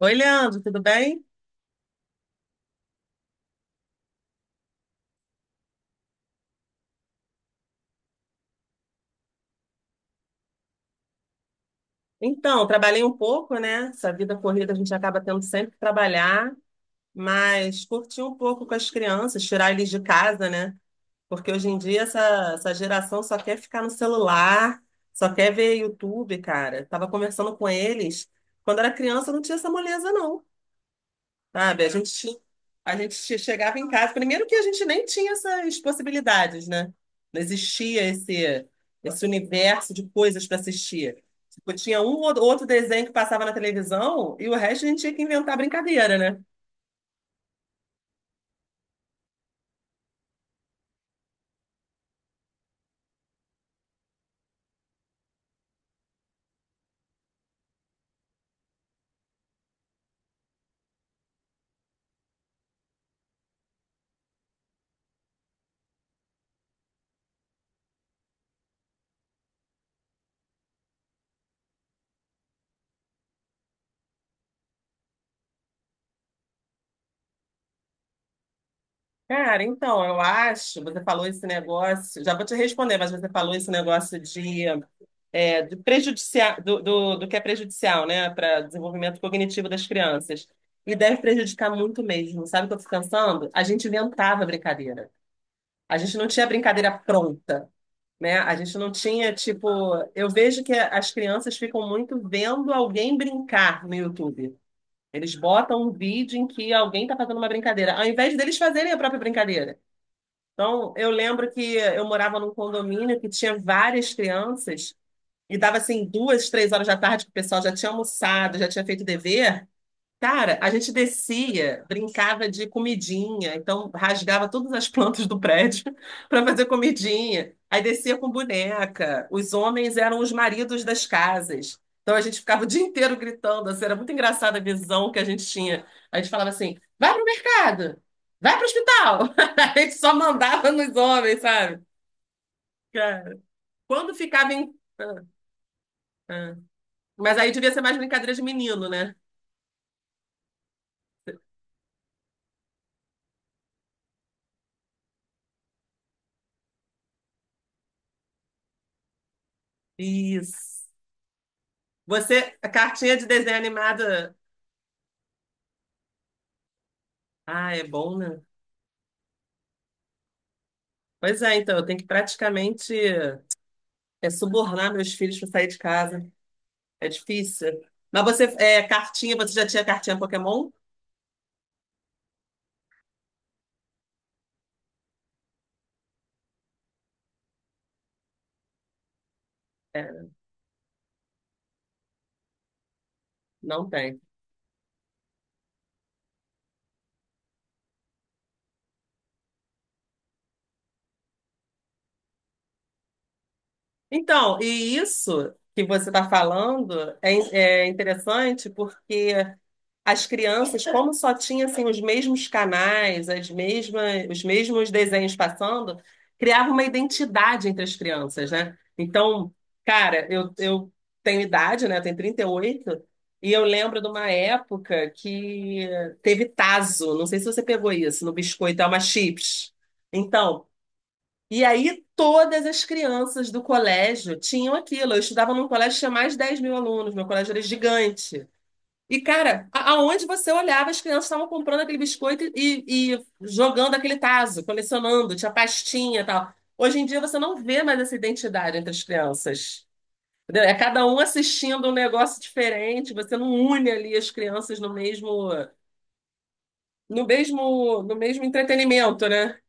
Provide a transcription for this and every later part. Oi, Leandro, tudo bem? Então, trabalhei um pouco, né? Essa vida corrida a gente acaba tendo sempre que trabalhar, mas curti um pouco com as crianças, tirar eles de casa, né? Porque hoje em dia essa geração só quer ficar no celular, só quer ver YouTube, cara. Tava conversando com eles. Quando era criança não tinha essa moleza, não. Sabe, a gente chegava em casa. Primeiro que a gente nem tinha essas possibilidades, né? Não existia esse universo de coisas para assistir. Tipo, tinha um ou outro desenho que passava na televisão e o resto a gente tinha que inventar brincadeira, né? Cara, então, eu acho, você falou esse negócio, já vou te responder, mas você falou esse negócio de é, do, prejudicial, do, do, do que é prejudicial, né, para desenvolvimento cognitivo das crianças. E deve prejudicar muito mesmo. Sabe o que eu fico pensando? A gente inventava brincadeira. A gente não tinha brincadeira pronta, né? A gente não tinha, tipo. Eu vejo que as crianças ficam muito vendo alguém brincar no YouTube. Eles botam um vídeo em que alguém está fazendo uma brincadeira, ao invés deles fazerem a própria brincadeira. Então, eu lembro que eu morava num condomínio que tinha várias crianças. E dava assim duas, três horas da tarde que o pessoal já tinha almoçado, já tinha feito dever. Cara, a gente descia, brincava de comidinha, então rasgava todas as plantas do prédio para fazer comidinha. Aí descia com boneca. Os homens eram os maridos das casas. Então a gente ficava o dia inteiro gritando, assim, era muito engraçada a visão que a gente tinha. A gente falava assim: vai pro mercado, vai pro hospital. A gente só mandava nos homens, sabe? Cara. Quando ficava em. Ah, ah. Mas aí devia ser mais brincadeira de menino, né? Isso. Você, a cartinha de desenho animada. Ah, é bom, né? Pois é, então, eu tenho que praticamente subornar meus filhos para sair de casa. É difícil. Mas você, cartinha, você já tinha cartinha Pokémon? É, não tem. Então, e isso que você está falando é interessante porque as crianças, como só tinha assim, os mesmos canais, os mesmos desenhos passando, criava uma identidade entre as crianças, né? Então, cara, eu tenho idade, né? Eu tenho 38, e eu lembro de uma época que teve taso não sei se você pegou isso, no biscoito, é uma chips. Então, e aí todas as crianças do colégio tinham aquilo. Eu estudava num colégio que tinha mais de 10 mil alunos, meu colégio era gigante. E, cara, aonde você olhava, as crianças estavam comprando aquele biscoito e jogando aquele tazo, colecionando, tinha pastinha e tal. Hoje em dia você não vê mais essa identidade entre as crianças. Entendeu? É cada um assistindo um negócio diferente, você não une ali as crianças no mesmo entretenimento, né?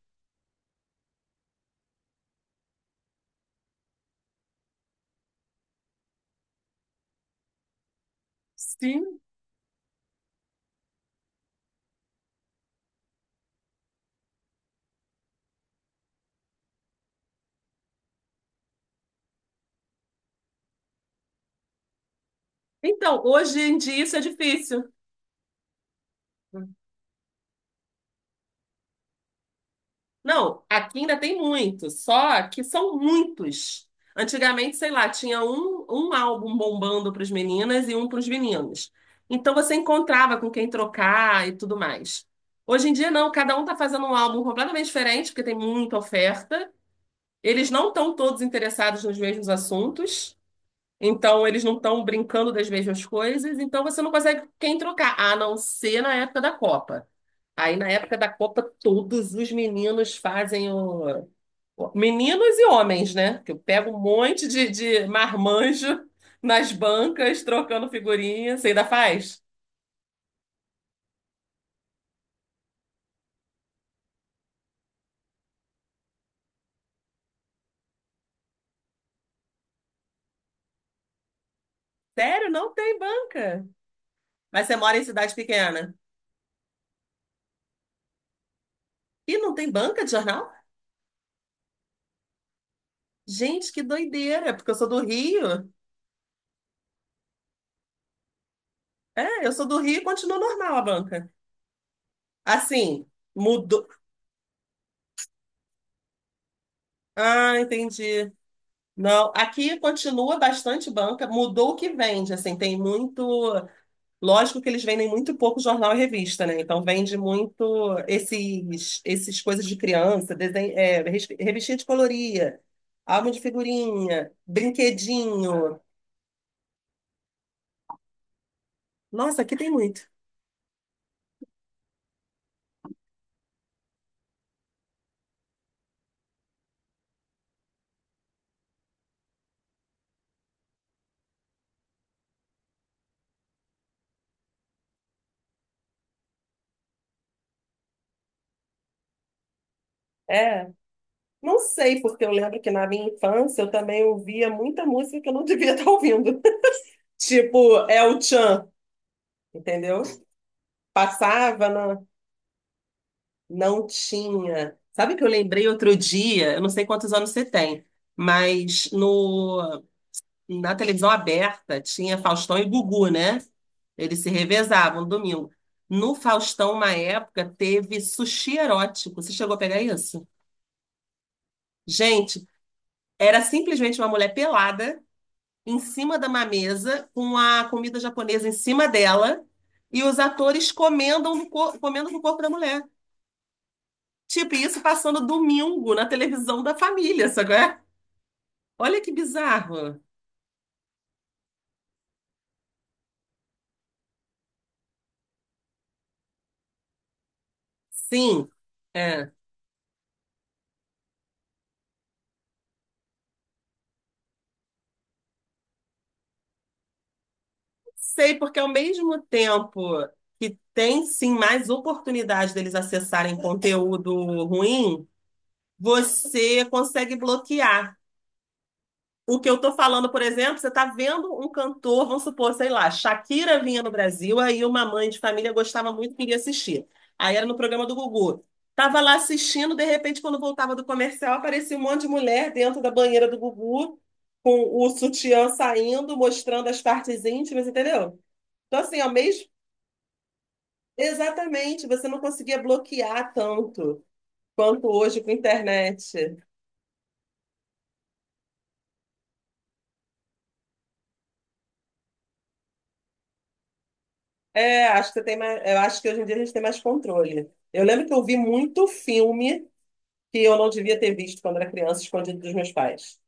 Sim. Então, hoje em dia isso é difícil. Não, aqui ainda tem muitos, só que são muitos. Antigamente, sei lá, tinha um álbum bombando para as meninas e um para os meninos. Então você encontrava com quem trocar e tudo mais. Hoje em dia, não, cada um está fazendo um álbum completamente diferente, porque tem muita oferta. Eles não estão todos interessados nos mesmos assuntos, então eles não estão brincando das mesmas coisas, então você não consegue com quem trocar, a não ser na época da Copa. Aí na época da Copa, todos os meninos fazem o, meninos e homens, né? Que eu pego um monte de marmanjo nas bancas, trocando figurinha. Você ainda faz? Sério, não tem banca. Mas você mora em cidade pequena. E não tem banca de jornal? Gente, que doideira, porque eu sou do Rio. É, eu sou do Rio e continua normal a banca. Assim, mudou. Ah, entendi. Não, aqui continua bastante banca, mudou o que vende, assim, tem muito. Lógico que eles vendem muito pouco jornal e revista, né? Então vende muito esses coisas de criança, desenho, revistinha de colorir, álbum de figurinha, brinquedinho. Nossa, aqui tem muito. É, não sei, porque eu lembro que na minha infância eu também ouvia muita música que eu não devia estar ouvindo. Tipo, El-Chan, entendeu? Passava, não, não tinha. Sabe que eu lembrei outro dia, eu não sei quantos anos você tem, mas no Na televisão aberta tinha Faustão e Gugu, né? Eles se revezavam domingo. No Faustão, uma época, teve sushi erótico. Você chegou a pegar isso? Gente, era simplesmente uma mulher pelada em cima de uma mesa, com a comida japonesa em cima dela, e os atores comendo, no cor- comendo com o corpo da mulher. Tipo, isso passando domingo na televisão da família, sabe? É? Olha que bizarro. Sim. É. Sei, porque ao mesmo tempo que tem sim mais oportunidade deles acessarem conteúdo ruim, você consegue bloquear. O que eu tô falando, por exemplo, você tá vendo um cantor, vamos supor, sei lá, Shakira vinha no Brasil, aí uma mãe de família gostava muito e queria assistir. Aí era no programa do Gugu. Tava lá assistindo, de repente, quando voltava do comercial, aparecia um monte de mulher dentro da banheira do Gugu, com o sutiã saindo, mostrando as partes íntimas, entendeu? Então, assim, ao mesmo exatamente, você não conseguia bloquear tanto quanto hoje com a internet. É, acho que você tem mais, eu acho que hoje em dia a gente tem mais controle. Eu lembro que eu vi muito filme que eu não devia ter visto quando era criança, escondido dos meus pais.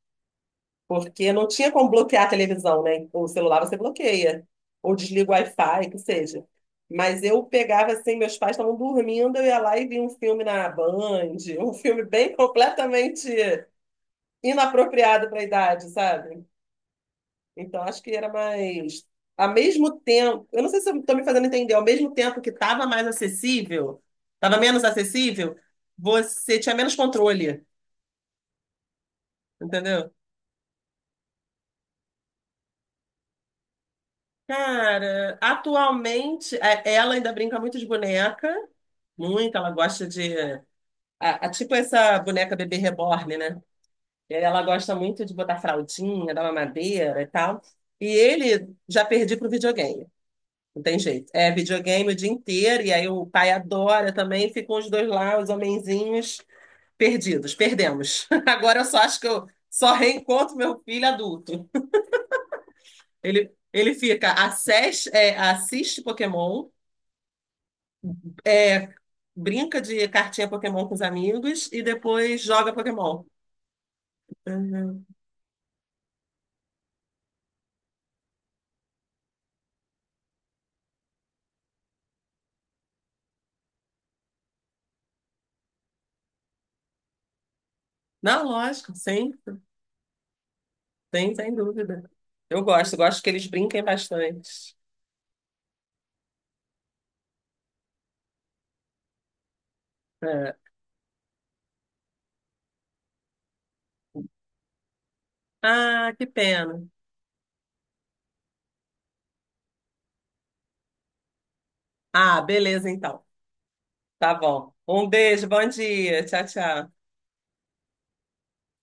Porque não tinha como bloquear a televisão, né? O celular você bloqueia, ou desliga o Wi-Fi, que seja. Mas eu pegava assim, meus pais estavam dormindo, eu ia lá e via um filme na Band, um filme bem completamente inapropriado para a idade, sabe? Então, acho que era mais. Ao mesmo tempo, eu não sei se eu estou me fazendo entender, ao mesmo tempo que estava mais acessível, estava menos acessível, você tinha menos controle, entendeu? Cara, atualmente, ela ainda brinca muito de boneca, muito, ela gosta de. Tipo essa boneca bebê reborn, né? E aí ela gosta muito de botar fraldinha, dar mamadeira e tal. E ele já perdi pro videogame. Não tem jeito. É videogame o dia inteiro, e aí o pai adora também, ficam os dois lá, os homenzinhos, perdidos, perdemos. Agora eu só acho que eu só reencontro meu filho adulto. Ele fica, assiste Pokémon, é, brinca de cartinha Pokémon com os amigos e depois joga Pokémon. Uhum. Não, lógico, sem dúvida. Eu gosto que eles brinquem bastante. É. Ah, que pena. Ah, beleza então. Tá bom. Um beijo, bom dia. Tchau, tchau.